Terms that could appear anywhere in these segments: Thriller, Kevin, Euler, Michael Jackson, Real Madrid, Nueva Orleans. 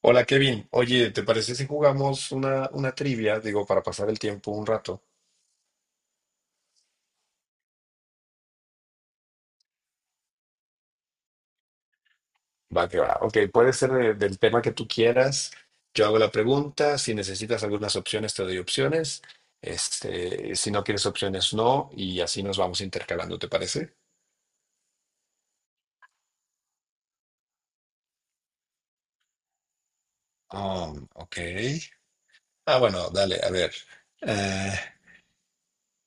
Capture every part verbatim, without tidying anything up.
Hola Kevin, oye, ¿te parece si jugamos una, una trivia? Digo, para pasar el tiempo un rato. Va que va. Ok, puede ser de- del tema que tú quieras. Yo hago la pregunta. Si necesitas algunas opciones, te doy opciones. Este, si no quieres opciones, no. Y así nos vamos intercalando, ¿te parece? Um, ok. Ah, bueno, dale, a ver. Eh,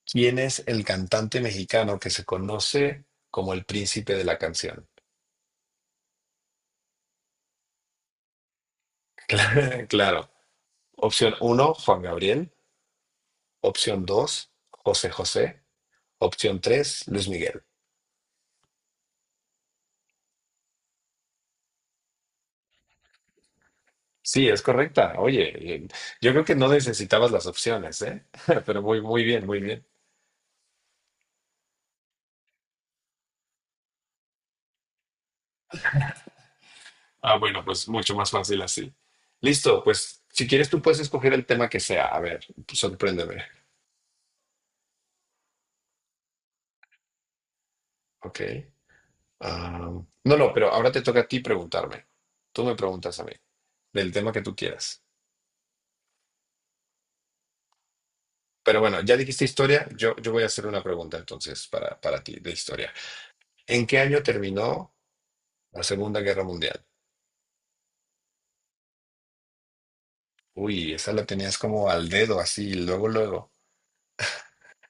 ¿quién es el cantante mexicano que se conoce como el príncipe de la canción? Claro. Opción uno, Juan Gabriel. Opción dos, José José. Opción tres, Luis Miguel. Sí, es correcta. Oye, eh, yo creo que no necesitabas las opciones, ¿eh? Pero muy, muy bien, muy bien. Ah, bueno, pues mucho más fácil así. Listo, pues si quieres tú puedes escoger el tema que sea. A ver, sorpréndeme. Ok. Ah, no, no, pero ahora te toca a ti preguntarme. Tú me preguntas a mí, del tema que tú quieras. Pero bueno, ya dijiste historia, yo, yo voy a hacer una pregunta entonces para, para ti de historia. ¿En qué año terminó la Segunda Guerra Mundial? Uy, esa la tenías como al dedo, así, luego, luego.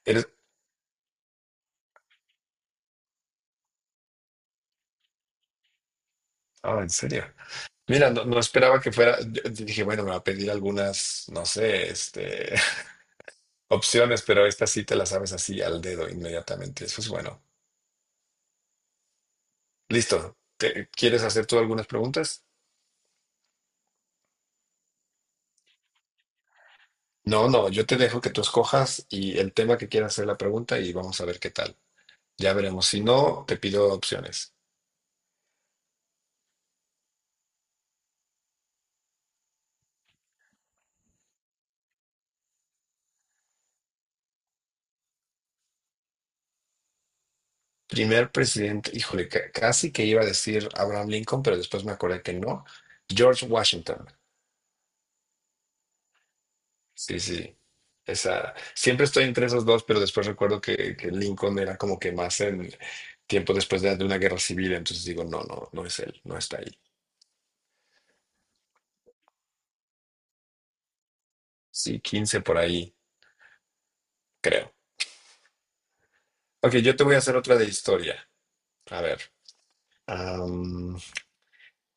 Eres... Ah, en serio. Mira, no, no esperaba que fuera. Yo dije, bueno, me va a pedir algunas, no sé, este, opciones, pero esta sí te la sabes así al dedo inmediatamente. Eso es bueno. Listo. ¿Te- ¿Quieres hacer tú algunas preguntas? No, no, yo te dejo que tú escojas y el tema que quieras hacer la pregunta y vamos a ver qué tal. Ya veremos. Si no, te pido opciones. Primer presidente, híjole, ca- casi que iba a decir Abraham Lincoln, pero después me acordé que no. George Washington. Sí, sí. Esa, siempre estoy entre esos dos, pero después recuerdo que, que Lincoln era como que más en tiempo después de, de una guerra civil, entonces digo, no, no, no es él, no está ahí. Sí, quince por ahí, creo. Ok, yo te voy a hacer otra de historia. A ver. am,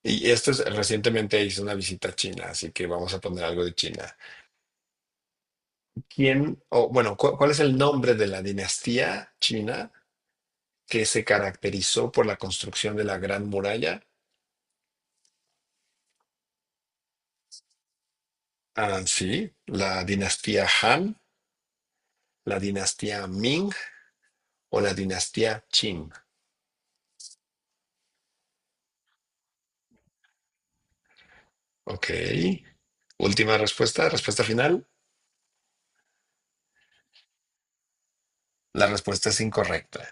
y esto es, recientemente hice una visita a China, así que vamos a poner algo de China. ¿Quién, o bueno, cu- cuál es el nombre de la dinastía china que se caracterizó por la construcción de la Gran Muralla? Ah, sí, la dinastía Han, la dinastía Ming o la dinastía Qing. Ok. Última respuesta, respuesta final. La respuesta es incorrecta.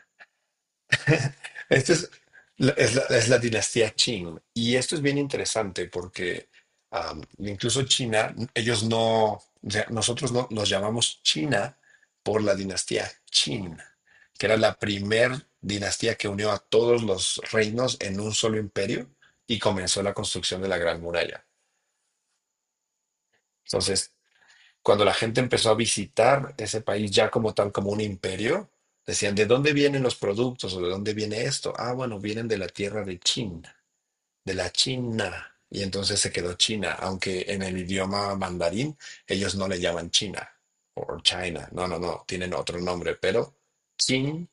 Esta es la- es, la, es la dinastía Qing. Y esto es bien interesante porque am, incluso China, ellos no, o sea, nosotros no, nos llamamos China por la dinastía Qin, que era la primer dinastía que unió a todos los reinos en un solo imperio y comenzó la construcción de la Gran Muralla. Entonces cuando la gente empezó a visitar ese país ya como tal, como un imperio, decían, ¿de dónde vienen los productos o de dónde viene esto? Ah, bueno, vienen de la tierra de China, de la China. Y entonces se quedó China, aunque en el idioma mandarín ellos no le llaman China o China, no, no, no, tienen otro nombre, pero Qin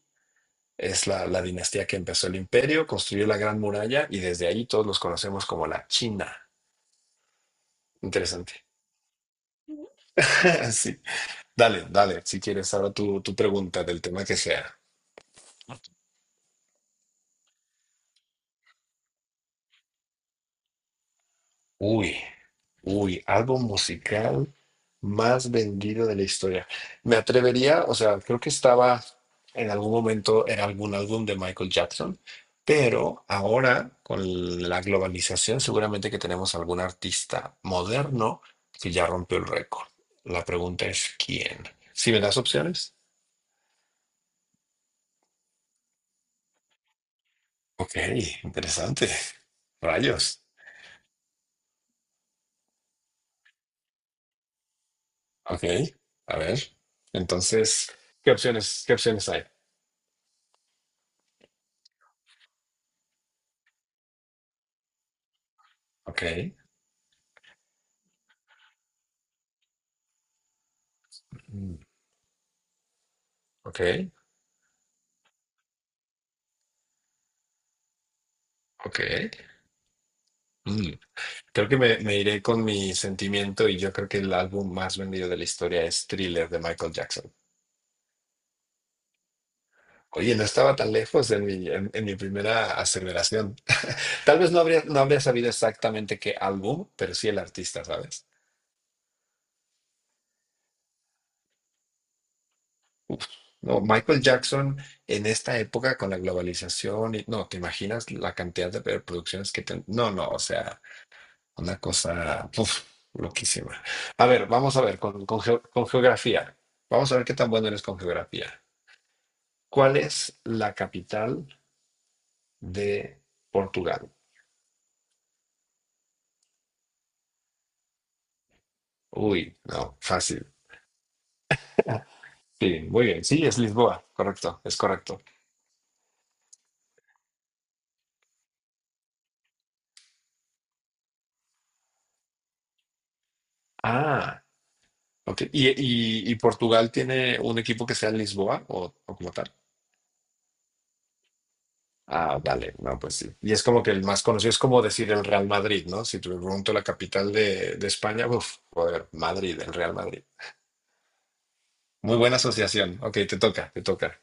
es la, la dinastía que empezó el imperio, construyó la Gran Muralla y desde ahí todos los conocemos como la China. Interesante. Sí. Dale, dale, si quieres ahora tu, tu pregunta del tema que sea. Uy, uy, álbum musical más vendido de la historia. Me atrevería, o sea, creo que estaba en algún momento en algún álbum de Michael Jackson, pero ahora con la globalización seguramente que tenemos algún artista moderno que ya rompió el récord. La pregunta es, ¿quién? Si me das opciones. Ok, interesante. Rayos. Ok, a ver. Entonces, ¿qué opciones, qué opciones hay? Ok, mm, ok, ok. Mm. Creo que me, me iré con mi sentimiento y yo creo que el álbum más vendido de la historia es Thriller de Michael Jackson. Oye, no estaba tan lejos en mi, en, en mi primera aceleración. Tal vez no habría, no habría sabido exactamente qué álbum, pero sí el artista, ¿sabes? Uf. No, Michael Jackson en esta época con la globalización, y, no, ¿te imaginas la cantidad de producciones que... ten- no, no, o sea... Una cosa uf, loquísima. A ver, vamos a ver con, con geo- con geografía. Vamos a ver qué tan bueno eres con geografía. ¿Cuál es la capital de Portugal? Uy, no, fácil. Sí, muy bien. Sí, es Lisboa. Correcto, es correcto. Ah, ok. ¿Y, y- y Portugal tiene un equipo que sea en Lisboa o, o, como tal? Ah, vale, no, pues sí. Y es como que el más conocido es como decir el Real Madrid, ¿no? Si te pregunto la capital de, de España, uff, joder, Madrid, el Real Madrid. Muy buena asociación. Ok, te toca, te toca.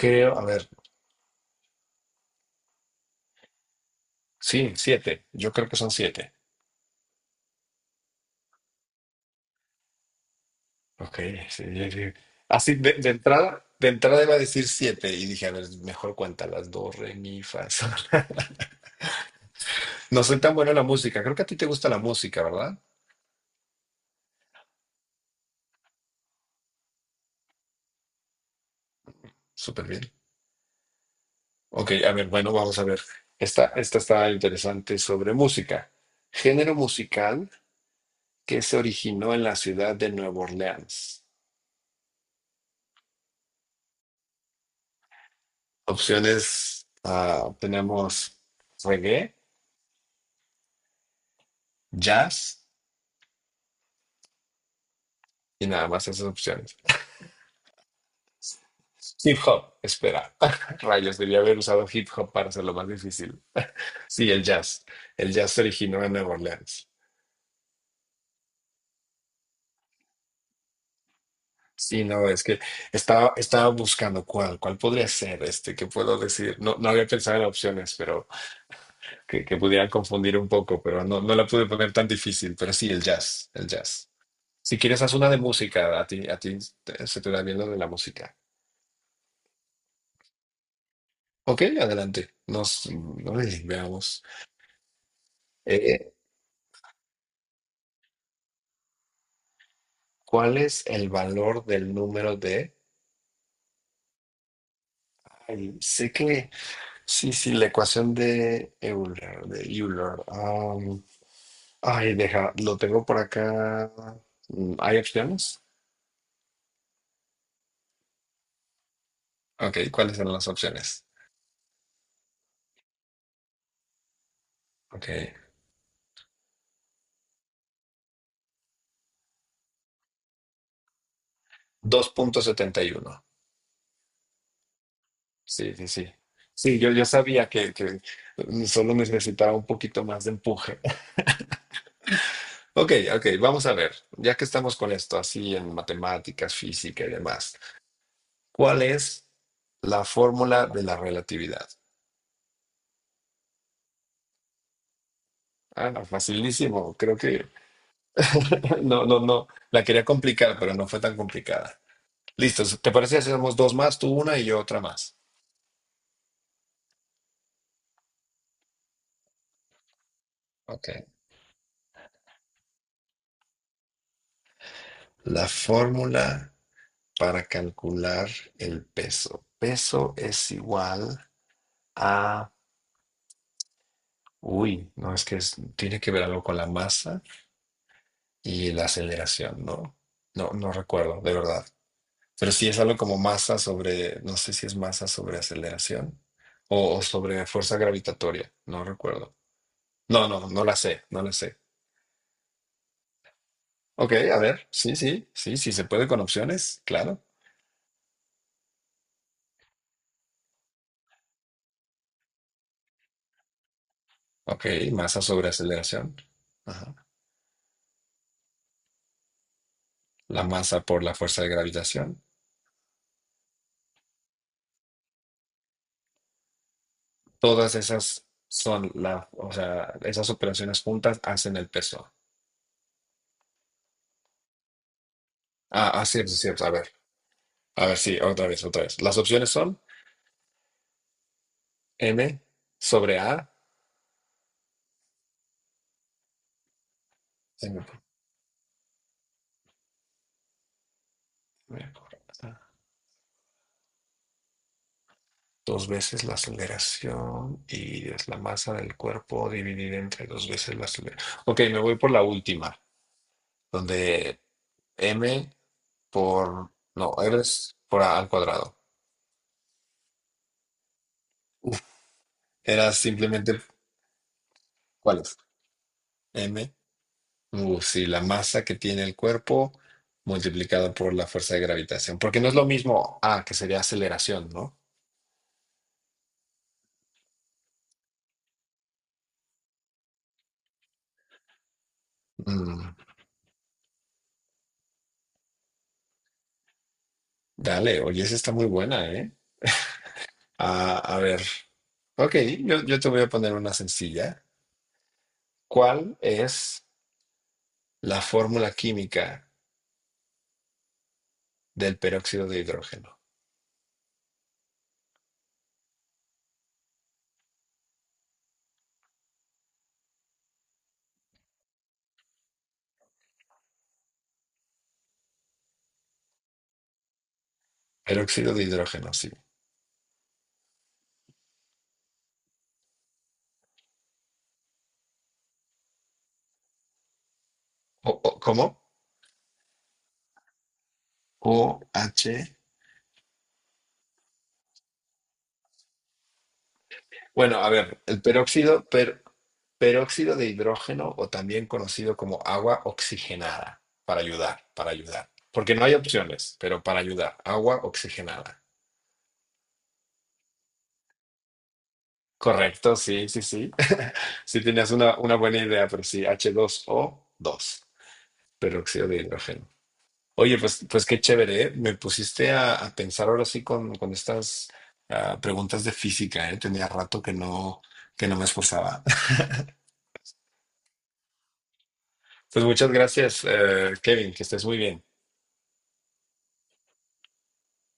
Creo, a ver, sí, siete. Yo creo que son siete. Ok, sí, sí. Ah, sí. Así de, de entrada, de entrada iba a decir siete y dije, a ver, mejor cuenta las dos, re, mi, fa, sol. No soy tan bueno en la música. Creo que a ti te gusta la música, ¿verdad? Súper bien. Ok, a ver, bueno, vamos a ver. Esta, esta está interesante sobre música. Género musical que se originó en la ciudad de Nueva Orleans. Opciones, ah, tenemos reggae, jazz y nada más esas opciones. Hip hop, espera. Rayos, debía haber usado hip hop para hacerlo más difícil. Sí, el jazz. El jazz se originó en Nueva Orleans. Sí, no, es que estaba, estaba buscando cuál, cuál podría ser este, qué puedo decir. No, no había pensado en opciones, pero que, que pudieran confundir un poco, pero no, no la pude poner tan difícil. Pero sí, el jazz, el jazz. Si quieres, haz una de música. A ti, a ti te- se te da bien lo de la música. Ok, adelante. Nos, ay, veamos. Eh, eh, ¿Cuál es el valor del número de... Ay, sé que... Sí, sí, la ecuación de Euler, de Euler. Am, ay, deja, lo tengo por acá. Mm, ¿Hay opciones? Ok, ¿cuáles son las opciones? Ok, dos punto setenta y uno. Sí, sí, sí. Sí, yo, yo sabía que, que solo necesitaba un poquito más de empuje. Ok, ok, vamos a ver. Ya que estamos con esto, así en matemáticas, física y demás. ¿Cuál es la fórmula de la relatividad? Ah, no, facilísimo, creo que no, no, no, la quería complicar, pero no fue tan complicada. Listo, ¿te parece si hacemos dos más, tú una y yo otra más? Ok. La fórmula para calcular el peso. Peso es igual a... Uy, no, es que es- tiene que ver algo con la masa y la aceleración, ¿no? No, no recuerdo, de verdad. Pero si es algo como masa sobre, no sé si es masa sobre aceleración o, o sobre fuerza gravitatoria, no recuerdo. No, no, no la sé, no la sé. Ok, a ver, sí, sí, sí, sí se puede con opciones, claro. Ok, masa sobre aceleración. Ajá. La masa por la fuerza de gravitación. Todas esas son la, o sea, esas operaciones juntas hacen el peso. Ah, ah, cierto, cierto. A ver, a ver, sí, otra vez, otra vez. Las opciones son m sobre a, m por- M por A, dos veces la aceleración y es la masa del cuerpo dividida entre dos veces la aceleración. Ok, me voy por la última, donde m por, no, r es por a al cuadrado. Era simplemente, ¿cuál es? M, uh, sí, la masa que tiene el cuerpo multiplicada por la fuerza de gravitación, porque no es lo mismo a, que sería aceleración, ¿no? Mm, dale, oye, esa está muy buena, ¿eh? Ah, a ver, ok, yo, yo te voy a poner una sencilla. ¿Cuál es la fórmula química del peróxido de hidrógeno? Peróxido de hidrógeno, sí. O- o- ¿Cómo? OH. Bueno, a ver, el peróxido, per- peróxido de hidrógeno o también conocido como agua oxigenada, para ayudar, para ayudar. Porque no hay opciones, pero para ayudar, agua oxigenada. Correcto, sí, sí, sí. Sí tenías una, una buena idea, pero sí, h dos o dos. Peróxido de hidrógeno. Oye, pues, pues qué chévere, ¿eh? Me pusiste a, a pensar ahora sí con, con estas ah, preguntas de física, ¿eh? Tenía rato que no, que no me esforzaba. Pues muchas gracias, eh, Kevin, que estés muy bien.